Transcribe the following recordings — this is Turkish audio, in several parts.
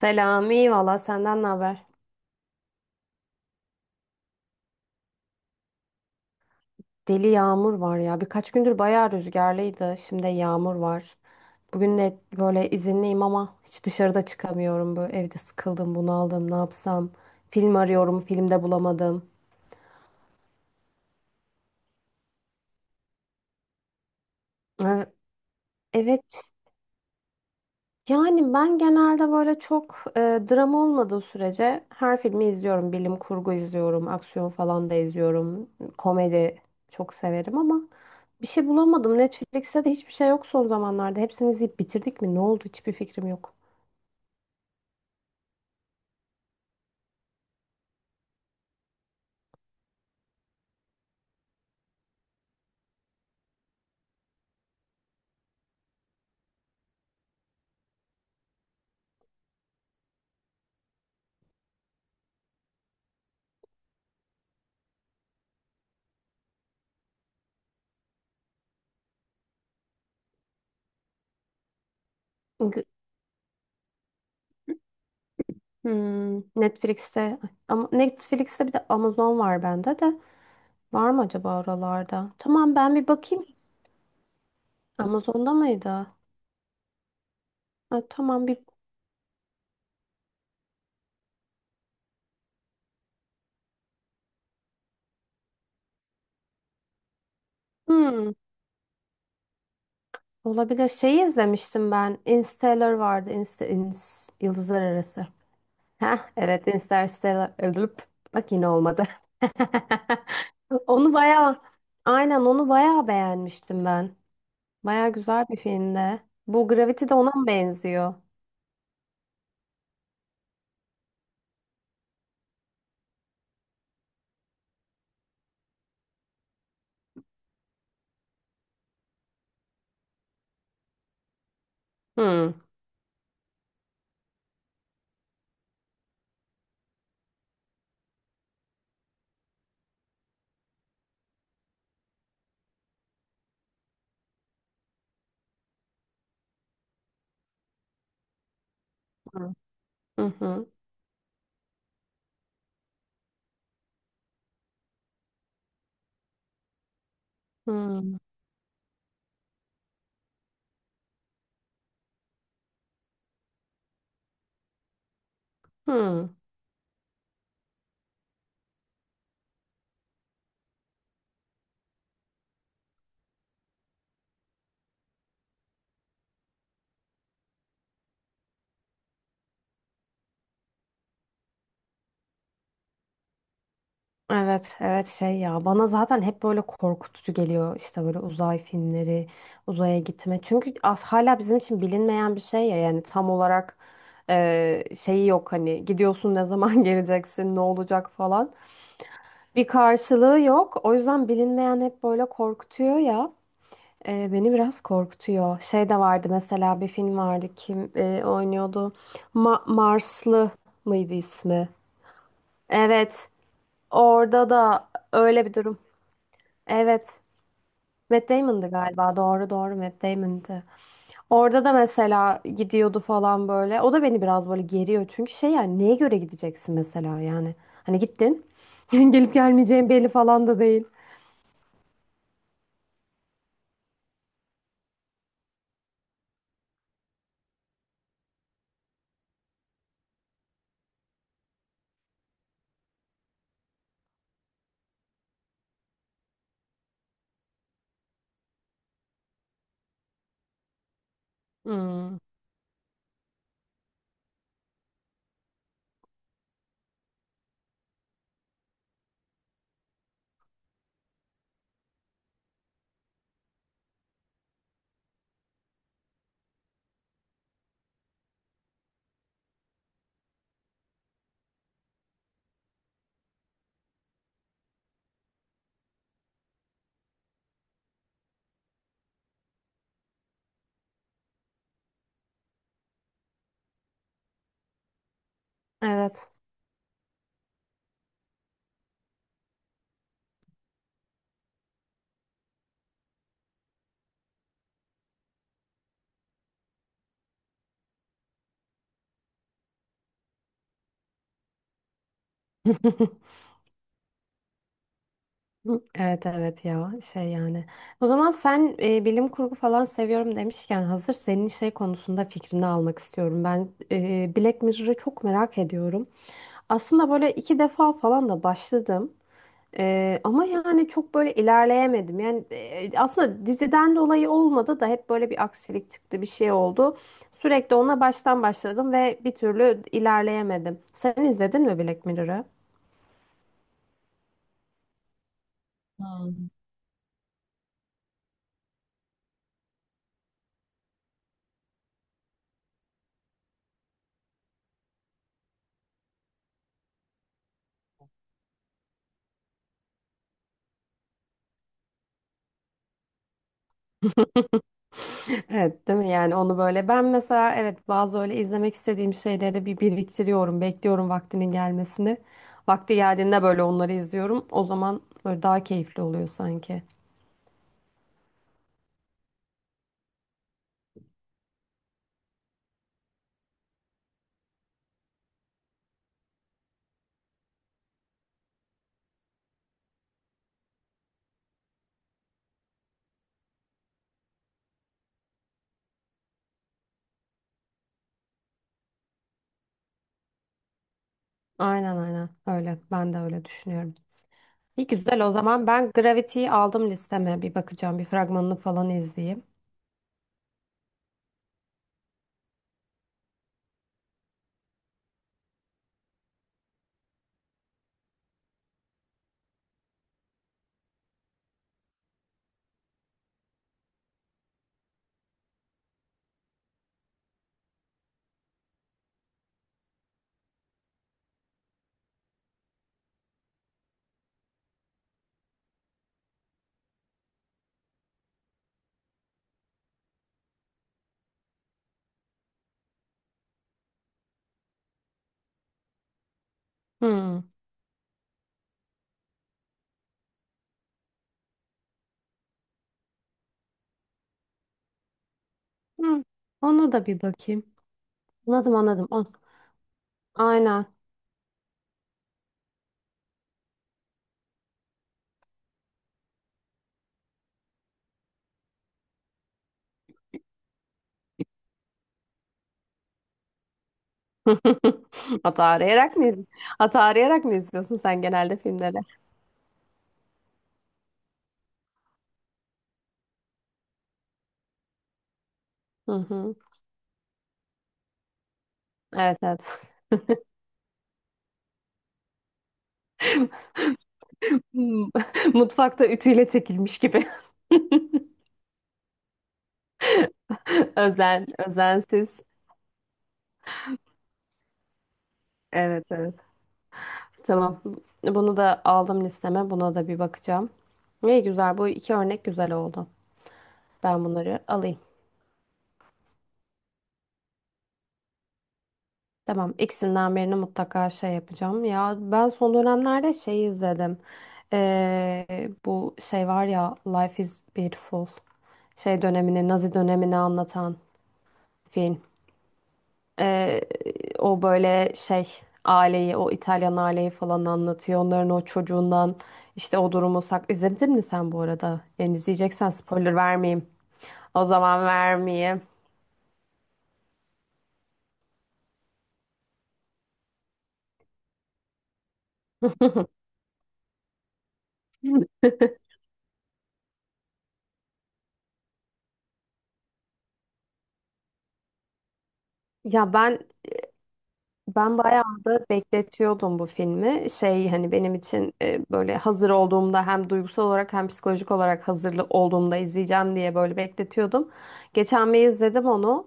Selam, iyi valla senden ne haber? Deli yağmur var ya. Birkaç gündür bayağı rüzgarlıydı. Şimdi yağmur var. Bugün de böyle izinliyim ama hiç dışarıda çıkamıyorum. Böyle evde sıkıldım, bunaldım. Ne yapsam? Film arıyorum, filmde bulamadım. Ee, Evet. Yani ben genelde böyle çok drama olmadığı sürece her filmi izliyorum. Bilim kurgu izliyorum, aksiyon falan da izliyorum. Komedi çok severim ama bir şey bulamadım. Netflix'te de hiçbir şey yok son zamanlarda. Hepsini izleyip bitirdik mi? Ne oldu? Hiçbir fikrim yok. G- Netflix'te ama Netflix'te bir de Amazon var bende de. Var mı acaba oralarda? Tamam, ben bir bakayım. Amazon'da mıydı? Ha, tamam, bir hmm, olabilir. Şeyi izlemiştim ben. Interstellar vardı. Yıldızlar Arası. Heh, evet, Interstellar. Ölüp. Bak yine olmadı. Onu bayağı aynen onu bayağı beğenmiştim ben. Baya güzel bir filmde. Bu Gravity de ona mı benziyor? Hmm. Hı hı. Hı hı. Evet, evet, şey ya, bana zaten hep böyle korkutucu geliyor işte böyle uzay filmleri, uzaya gitme. Çünkü az hala bizim için bilinmeyen bir şey ya, yani tam olarak şeyi yok, hani gidiyorsun ne zaman geleceksin, ne olacak falan. Bir karşılığı yok. O yüzden bilinmeyen hep böyle korkutuyor ya. E, beni biraz korkutuyor. Şey de vardı, mesela bir film vardı kim oynuyordu? Marslı mıydı ismi? Evet. Orada da öyle bir durum. Evet. Matt Damon'dı galiba. Doğru doğru Matt Damon'dı. Orada da mesela gidiyordu falan böyle. O da beni biraz böyle geriyor. Çünkü şey, yani neye göre gideceksin mesela, yani. Hani gittin. Gelip gelmeyeceğin belli falan da değil. Hmm, evet. Hı, evet evet ya, şey yani. O zaman sen bilim kurgu falan seviyorum demişken, hazır senin şey konusunda fikrini almak istiyorum. Ben Black Mirror'ı çok merak ediyorum. Aslında böyle iki defa falan da başladım. Ama yani çok böyle ilerleyemedim. Yani aslında diziden dolayı olmadı da hep böyle bir aksilik çıktı, bir şey oldu. Sürekli ona baştan başladım ve bir türlü ilerleyemedim. Sen izledin mi Black Mirror'ı? Evet, değil mi? Yani onu böyle ben mesela, evet, bazı öyle izlemek istediğim şeyleri bir biriktiriyorum, bekliyorum vaktinin gelmesini. Vakti geldiğinde böyle onları izliyorum. O zaman böyle daha keyifli oluyor sanki. Aynen aynen öyle. Ben de öyle düşünüyorum. İyi güzel, o zaman ben Gravity'yi aldım listeme, bir bakacağım, bir fragmanını falan izleyeyim. Hmm. Hmm. Ona da bir bakayım. Anladım anladım. Aynen. Hata arayarak mı izliyorsun? Hata arayarak mı izliyorsun sen genelde filmleri? Hı hı. Evet evet. Hmm. Mutfakta ütüyle çekilmiş gibi. Özen, özensiz. Evet evet. Tamam. Bunu da aldım listeme. Buna da bir bakacağım. İyi güzel. Bu iki örnek güzel oldu. Ben bunları alayım. Tamam, ikisinden birini mutlaka şey yapacağım. Ya ben son dönemlerde şey izledim. Bu şey var ya, Life is Beautiful. Şey dönemini, Nazi dönemini anlatan film. Ee, o böyle şey, aileyi, o İtalyan aileyi falan anlatıyor. Onların o çocuğundan işte o durumu sak. İzledin mi sen bu arada? Yani izleyeceksen spoiler vermeyeyim. O zaman vermeyeyim. Ya ben bayağı da bekletiyordum bu filmi. Şey, hani benim için böyle hazır olduğumda hem duygusal olarak hem psikolojik olarak hazırlı olduğumda izleyeceğim diye böyle bekletiyordum. Geçen bir izledim onu.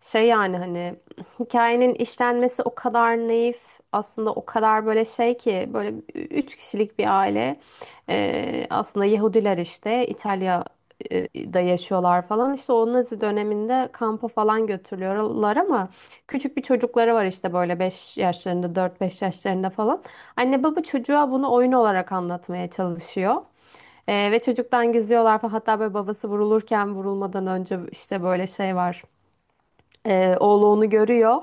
Şey, yani, hani, hikayenin işlenmesi o kadar naif, aslında o kadar böyle şey ki, böyle 3 kişilik bir aile. Aslında Yahudiler işte, İtalya'da yaşıyorlar falan, işte o Nazi döneminde kampa falan götürüyorlar ama küçük bir çocukları var işte böyle 5 yaşlarında, 4-5 yaşlarında falan, anne baba çocuğa bunu oyun olarak anlatmaya çalışıyor. Ve çocuktan gizliyorlar falan. Hatta böyle babası vurulurken, vurulmadan önce işte böyle şey var. Oğlu onu görüyor.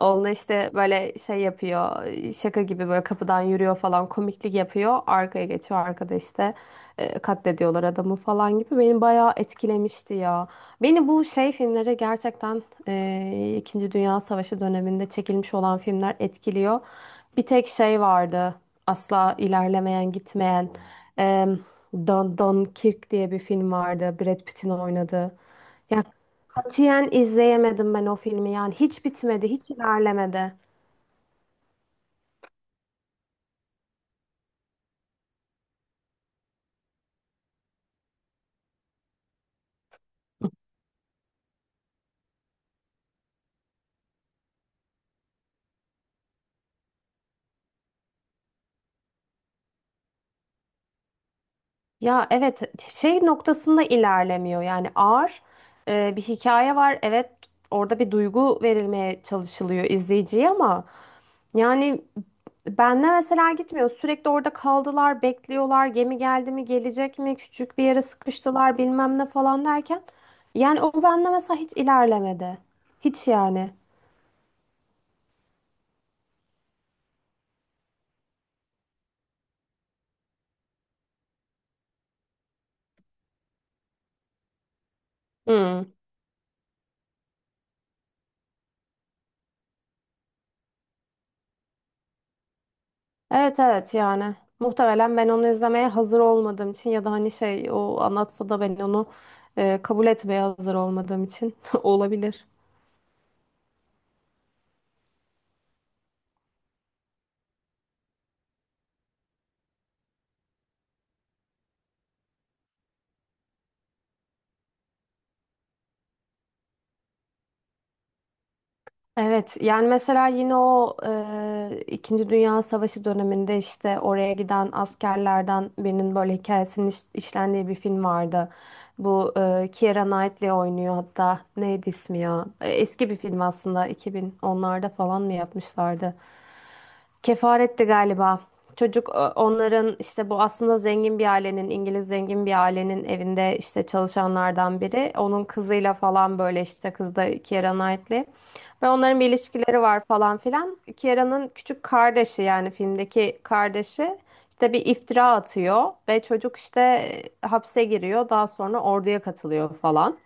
Oğlu işte böyle şey yapıyor. Şaka gibi böyle kapıdan yürüyor falan, komiklik yapıyor. Arkaya geçiyor, arkada işte katlediyorlar adamı falan gibi. Beni bayağı etkilemişti ya. Beni bu şey filmlere gerçekten, İkinci Dünya Savaşı döneminde çekilmiş olan filmler etkiliyor. Bir tek şey vardı. Asla ilerlemeyen, gitmeyen. E, Dunkirk diye bir film vardı, Brad Pitt'in oynadığı. Katiyen izleyemedim ben o filmi. Yani hiç bitmedi, hiç ilerlemedi. Ya evet, şey noktasında ilerlemiyor. Yani ağır bir hikaye var. Evet, orada bir duygu verilmeye çalışılıyor izleyiciye ama yani benle mesela gitmiyor. Sürekli orada kaldılar, bekliyorlar. Gemi geldi mi, gelecek mi? Küçük bir yere sıkıştılar, bilmem ne falan derken. Yani o benle mesela hiç ilerlemedi. Hiç yani. Hmm. Evet evet, yani muhtemelen ben onu izlemeye hazır olmadığım için, ya da hani şey, o anlatsa da ben onu kabul etmeye hazır olmadığım için olabilir. Evet, yani mesela yine o İkinci Dünya Savaşı döneminde işte oraya giden askerlerden birinin böyle hikayesinin işlendiği bir film vardı. Bu Keira Knightley oynuyor, hatta neydi ismi ya? E, eski bir film aslında, 2010'larda falan mı yapmışlardı? Kefaretti galiba. Çocuk, onların işte, bu aslında zengin bir ailenin, İngiliz zengin bir ailenin evinde işte çalışanlardan biri. Onun kızıyla falan böyle, işte kız da Keira Knightley. Ve onların bir ilişkileri var falan filan. Kiera'nın küçük kardeşi, yani filmdeki kardeşi işte bir iftira atıyor ve çocuk işte hapse giriyor. Daha sonra orduya katılıyor falan.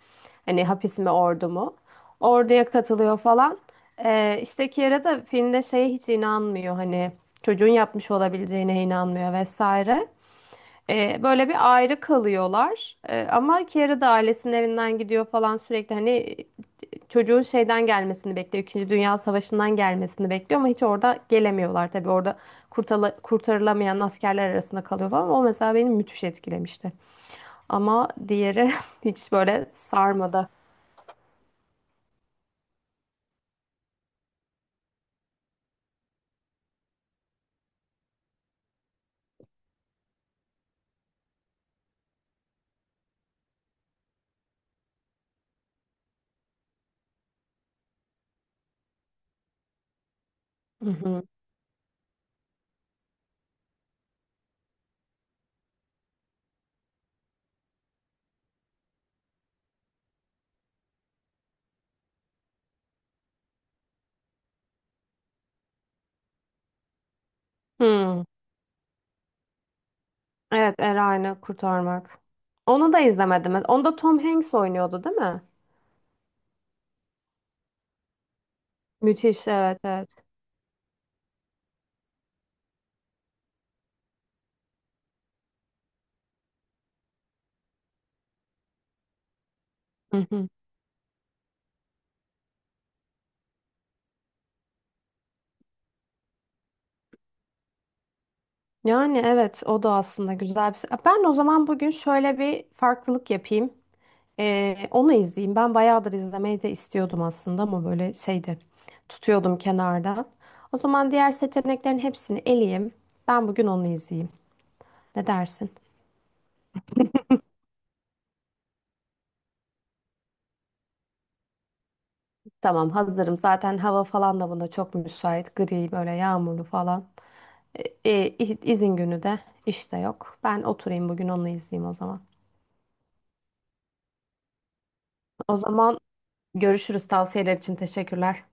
Hani hapis mi, ordu mu? Orduya katılıyor falan. İşte Kiara da filmde şeye hiç inanmıyor, hani çocuğun yapmış olabileceğine inanmıyor vesaire. Böyle bir ayrı kalıyorlar. Ama Kiara da ailesinin evinden gidiyor falan, sürekli hani çocuğun şeyden gelmesini bekliyor. İkinci Dünya Savaşı'ndan gelmesini bekliyor ama hiç orada gelemiyorlar tabii. Orada kurtarılamayan askerler arasında kalıyor falan. O mesela beni müthiş etkilemişti. Ama diğeri hiç böyle sarmadı. Hı hı. Hı. Evet, Erayn'ı kurtarmak. Onu da izlemedim. Onda Tom Hanks oynuyordu, değil mi? Müthiş, evet, evet. Hı hı. Yani evet, o da aslında güzel bir... Ben o zaman bugün şöyle bir farklılık yapayım. Onu izleyeyim. Ben bayağıdır izlemeyi de istiyordum aslında ama böyle şeydi, tutuyordum kenarda. O zaman diğer seçeneklerin hepsini eleyeyim. Ben bugün onu izleyeyim. Ne dersin? Tamam, hazırım. Zaten hava falan da buna çok müsait. Gri, böyle yağmurlu falan. E, izin günü de işte yok. Ben oturayım bugün onu izleyeyim o zaman. O zaman görüşürüz. Tavsiyeler için teşekkürler.